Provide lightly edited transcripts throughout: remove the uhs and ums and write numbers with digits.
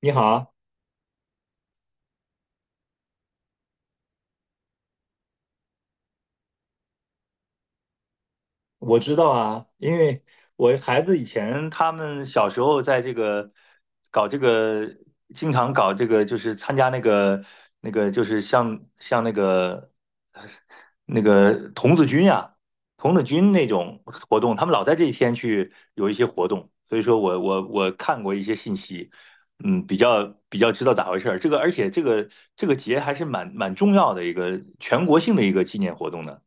你好。我知道啊，因为我孩子以前他们小时候在这个搞这个，经常搞这个，就是参加那个那个，就是像那个那个童子军呀、童子军那种活动，他们老在这一天去有一些活动，所以说我看过一些信息。比较知道咋回事儿。这个而且这个节还是蛮重要的一个全国性的一个纪念活动呢。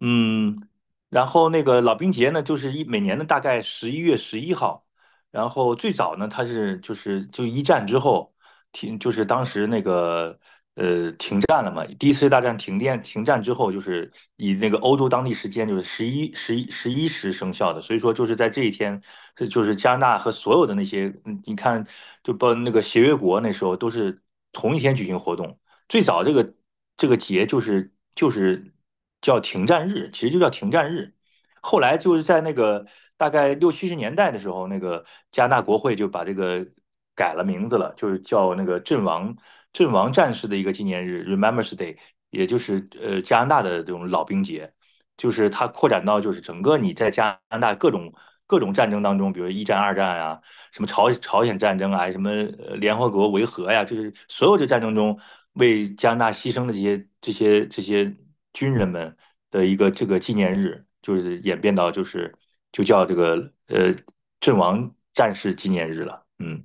嗯，然后那个老兵节呢，就是一每年的大概十一月十一号，然后最早呢，它是就是就一战之后停，就是当时那个停战了嘛。第一次世界大战停电停战之后，就是以那个欧洲当地时间就是十一十一十一时生效的，所以说就是在这一天，这就是加拿大和所有的那些，嗯，你看就包括那个协约国那时候都是同一天举行活动。最早这个节就是叫停战日，其实就叫停战日。后来就是在那个大概六七十年代的时候，那个加拿大国会就把这个改了名字了，就是叫那个阵亡战士的一个纪念日 r e m e m b r a n Day),也就是加拿大的这种老兵节。就是它扩展到就是整个你在加拿大各种战争当中，比如一战、二战啊，什么朝鲜战争啊，什么联合国维和呀，就是所有的战争中为加拿大牺牲的这些军人们的一个这个纪念日，就是演变到就是就叫这个呃阵亡战士纪念日了。嗯。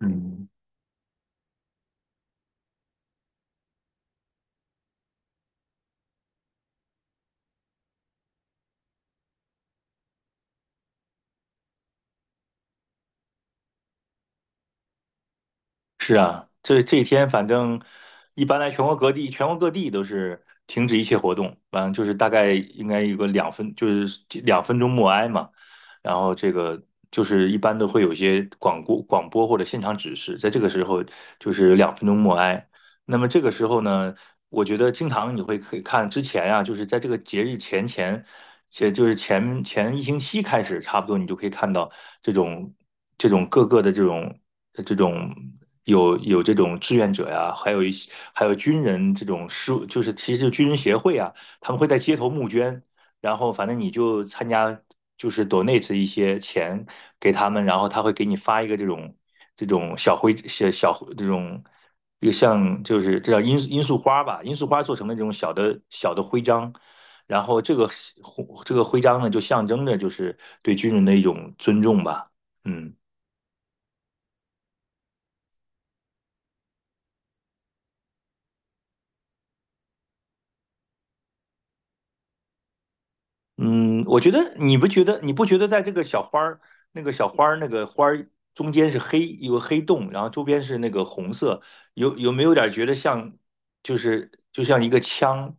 嗯，是啊，这这一天反正一般来全国各地，全国各地都是停止一切活动，完了就是大概应该有个两分，就是两分钟默哀嘛。然后这个就是一般都会有些广播、广播或者现场指示，在这个时候就是两分钟默哀。那么这个时候呢？我觉得经常你会可以看之前啊，就是在这个节日前，且就是前前一星期开始，差不多你就可以看到这种这种各个的这种这种有这种志愿者呀，还有一些还有军人这种事务就是其实军人协会啊，他们会在街头募捐，然后反正你就参加就是 donate 一些钱给他们，然后他会给你发一个这种这种小徽小小这种。这个像就是这叫罂粟花吧，罂粟花做成的这种小的小的徽章，然后这个徽这个徽章呢，就象征着就是对军人的一种尊重吧，嗯。嗯，我觉得你不觉得在这个小花儿那个小花儿那个花儿中间是黑有个黑洞，然后周边是那个红色，有没有点觉得像就是就像一个枪，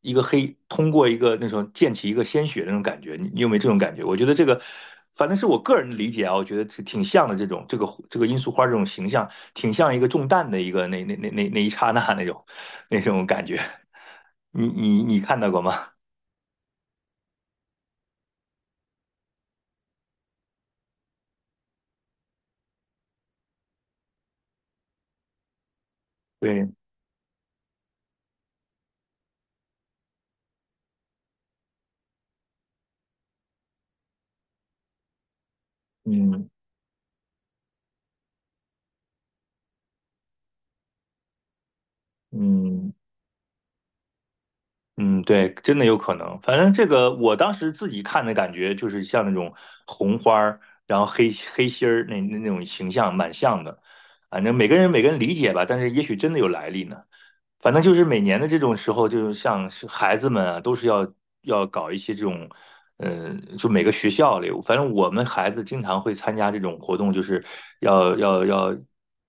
一个黑通过一个那种溅起一个鲜血那种感觉？你你有没有这种感觉？我觉得这个反正是我个人的理解啊，我觉得挺像的这种这个这个罂粟花这种形象，挺像一个中弹的一个那一刹那那种那种感觉。你你你看到过吗？对。嗯嗯嗯，对，真的有可能。反正这个我当时自己看的感觉，就是像那种红花儿，然后黑黑心儿那那那种形象，蛮像的。反正每个人理解吧，但是也许真的有来历呢。反正就是每年的这种时候，就是像是孩子们啊，都是要要搞一些这种，嗯，就每个学校里，反正我们孩子经常会参加这种活动，就是要要要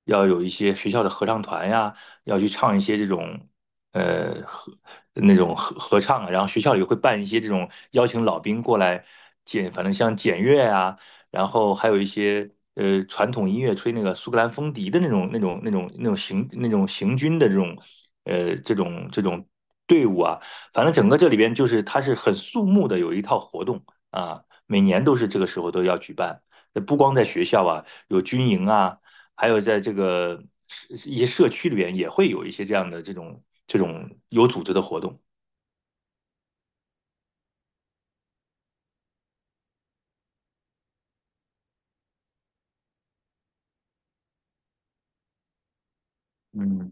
要有一些学校的合唱团呀，要去唱一些这种合那种合合唱啊，然后学校里会办一些这种邀请老兵过来检，反正像检阅啊，然后还有一些传统音乐，吹那个苏格兰风笛的那种行那种行军的这种。这种这种队伍啊，反正整个这里边就是它是很肃穆的，有一套活动啊，每年都是这个时候都要举办。不光在学校啊，有军营啊，还有在这个一些社区里边也会有一些这样的这种这种有组织的活动。嗯。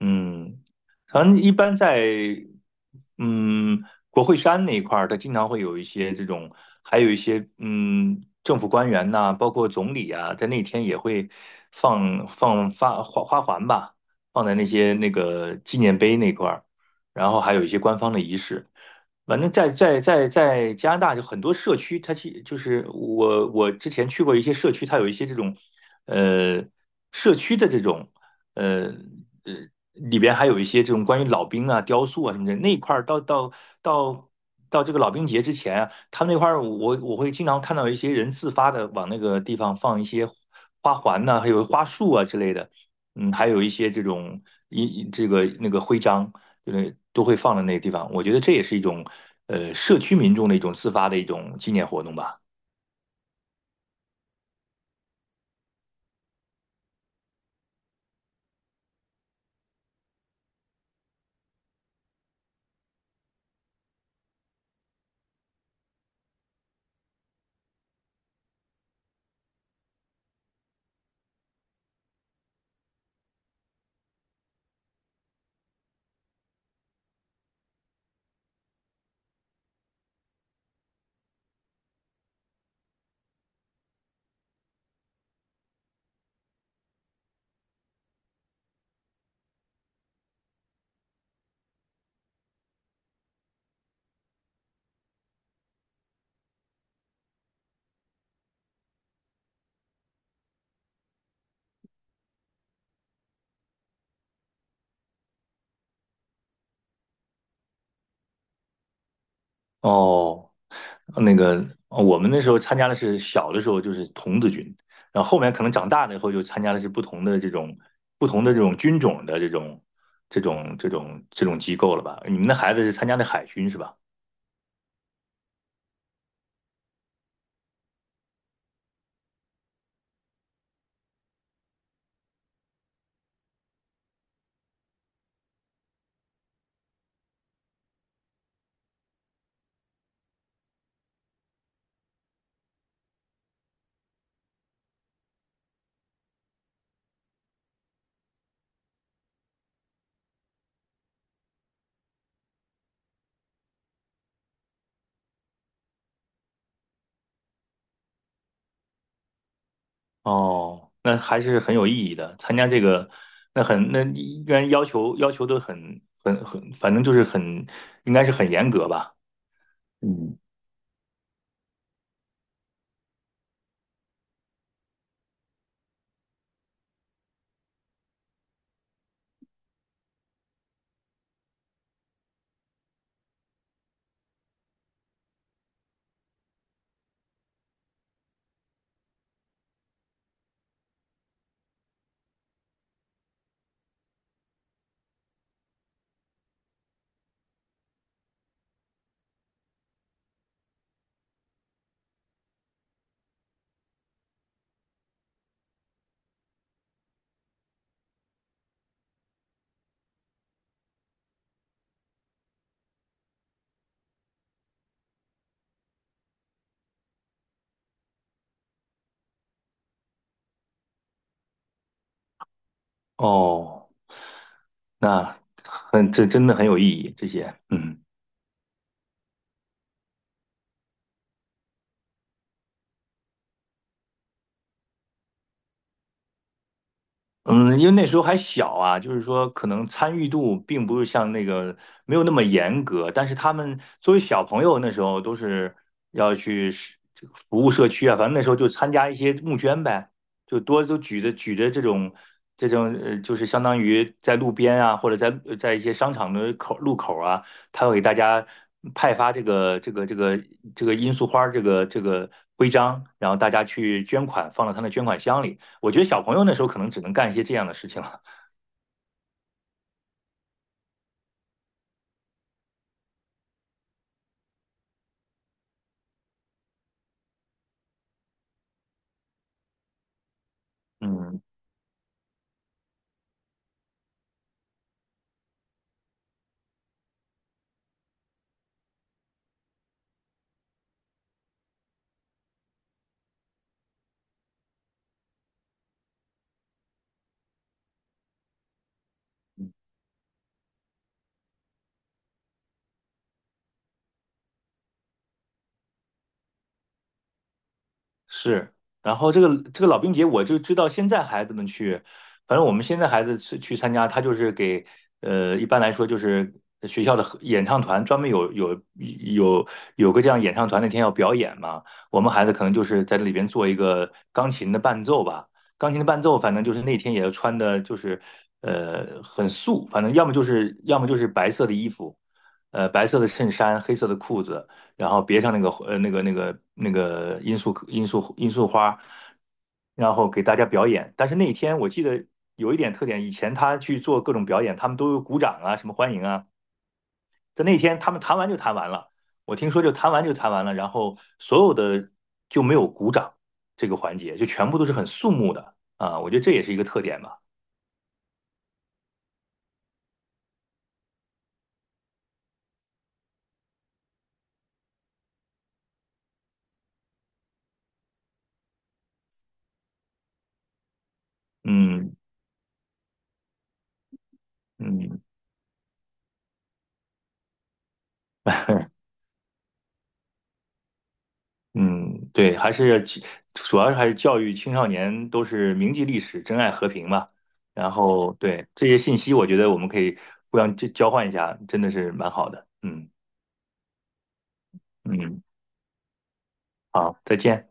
嗯，反正一般在嗯国会山那一块儿，它经常会有一些这种，还有一些嗯政府官员呐、包括总理啊，在那天也会放放发花花环吧，放在那些那个纪念碑那块儿，然后还有一些官方的仪式。反正在加拿大就很多社区，它其就是我之前去过一些社区，它有一些这种呃社区的这种呃呃里边还有一些这种关于老兵啊、雕塑啊什么的那一块儿，到到这个老兵节之前啊，他们那块儿我会经常看到一些人自发的往那个地方放一些花环呐、还有花束啊之类的。嗯，还有一些这种一这个那个徽章，就是都会放在那个地方。我觉得这也是一种社区民众的一种自发的一种纪念活动吧。哦，那个我们那时候参加的是小的时候就是童子军，然后后面可能长大了以后就参加的是不同的这种不同的这种军种的这种这种机构了吧？你们的孩子是参加的海军是吧？哦，那还是很有意义的。参加这个，那很那应该要求都很，反正就是很应该是很严格吧。嗯。哦，那很这真的很有意义，这些嗯。嗯，因为那时候还小啊，就是说可能参与度并不是像那个没有那么严格，但是他们作为小朋友那时候都是要去是服务社区啊，反正那时候就参加一些募捐呗，就多都举着这种这种，就是相当于在路边啊，或者在在一些商场的口路口啊，他会给大家派发这个罂粟花儿这个徽章，然后大家去捐款，放到他的捐款箱里。我觉得小朋友那时候可能只能干一些这样的事情了。嗯，是。然后这个老兵节，我就知道现在孩子们去，反正我们现在孩子去参加，他就是给一般来说就是学校的合演唱团专门有有个这样演唱团那天要表演嘛，我们孩子可能就是在这里边做一个钢琴的伴奏吧。钢琴的伴奏，反正就是那天也要穿的，就是很素，反正要么就是白色的衣服，白色的衬衫，黑色的裤子，然后别上那个那个罂粟花，然后给大家表演。但是那一天我记得有一点特点，以前他去做各种表演，他们都有鼓掌啊，什么欢迎啊。在那天他们弹完就弹完了，我听说就弹完就弹完了，然后所有的就没有鼓掌这个环节，就全部都是很肃穆的啊。我觉得这也是一个特点吧。嗯。嗯，嗯，对，还是其主要是还是教育青少年都是铭记历史、珍爱和平嘛。然后对这些信息，我觉得我们可以互相交交换一下，真的是蛮好的。嗯。嗯，好，再见。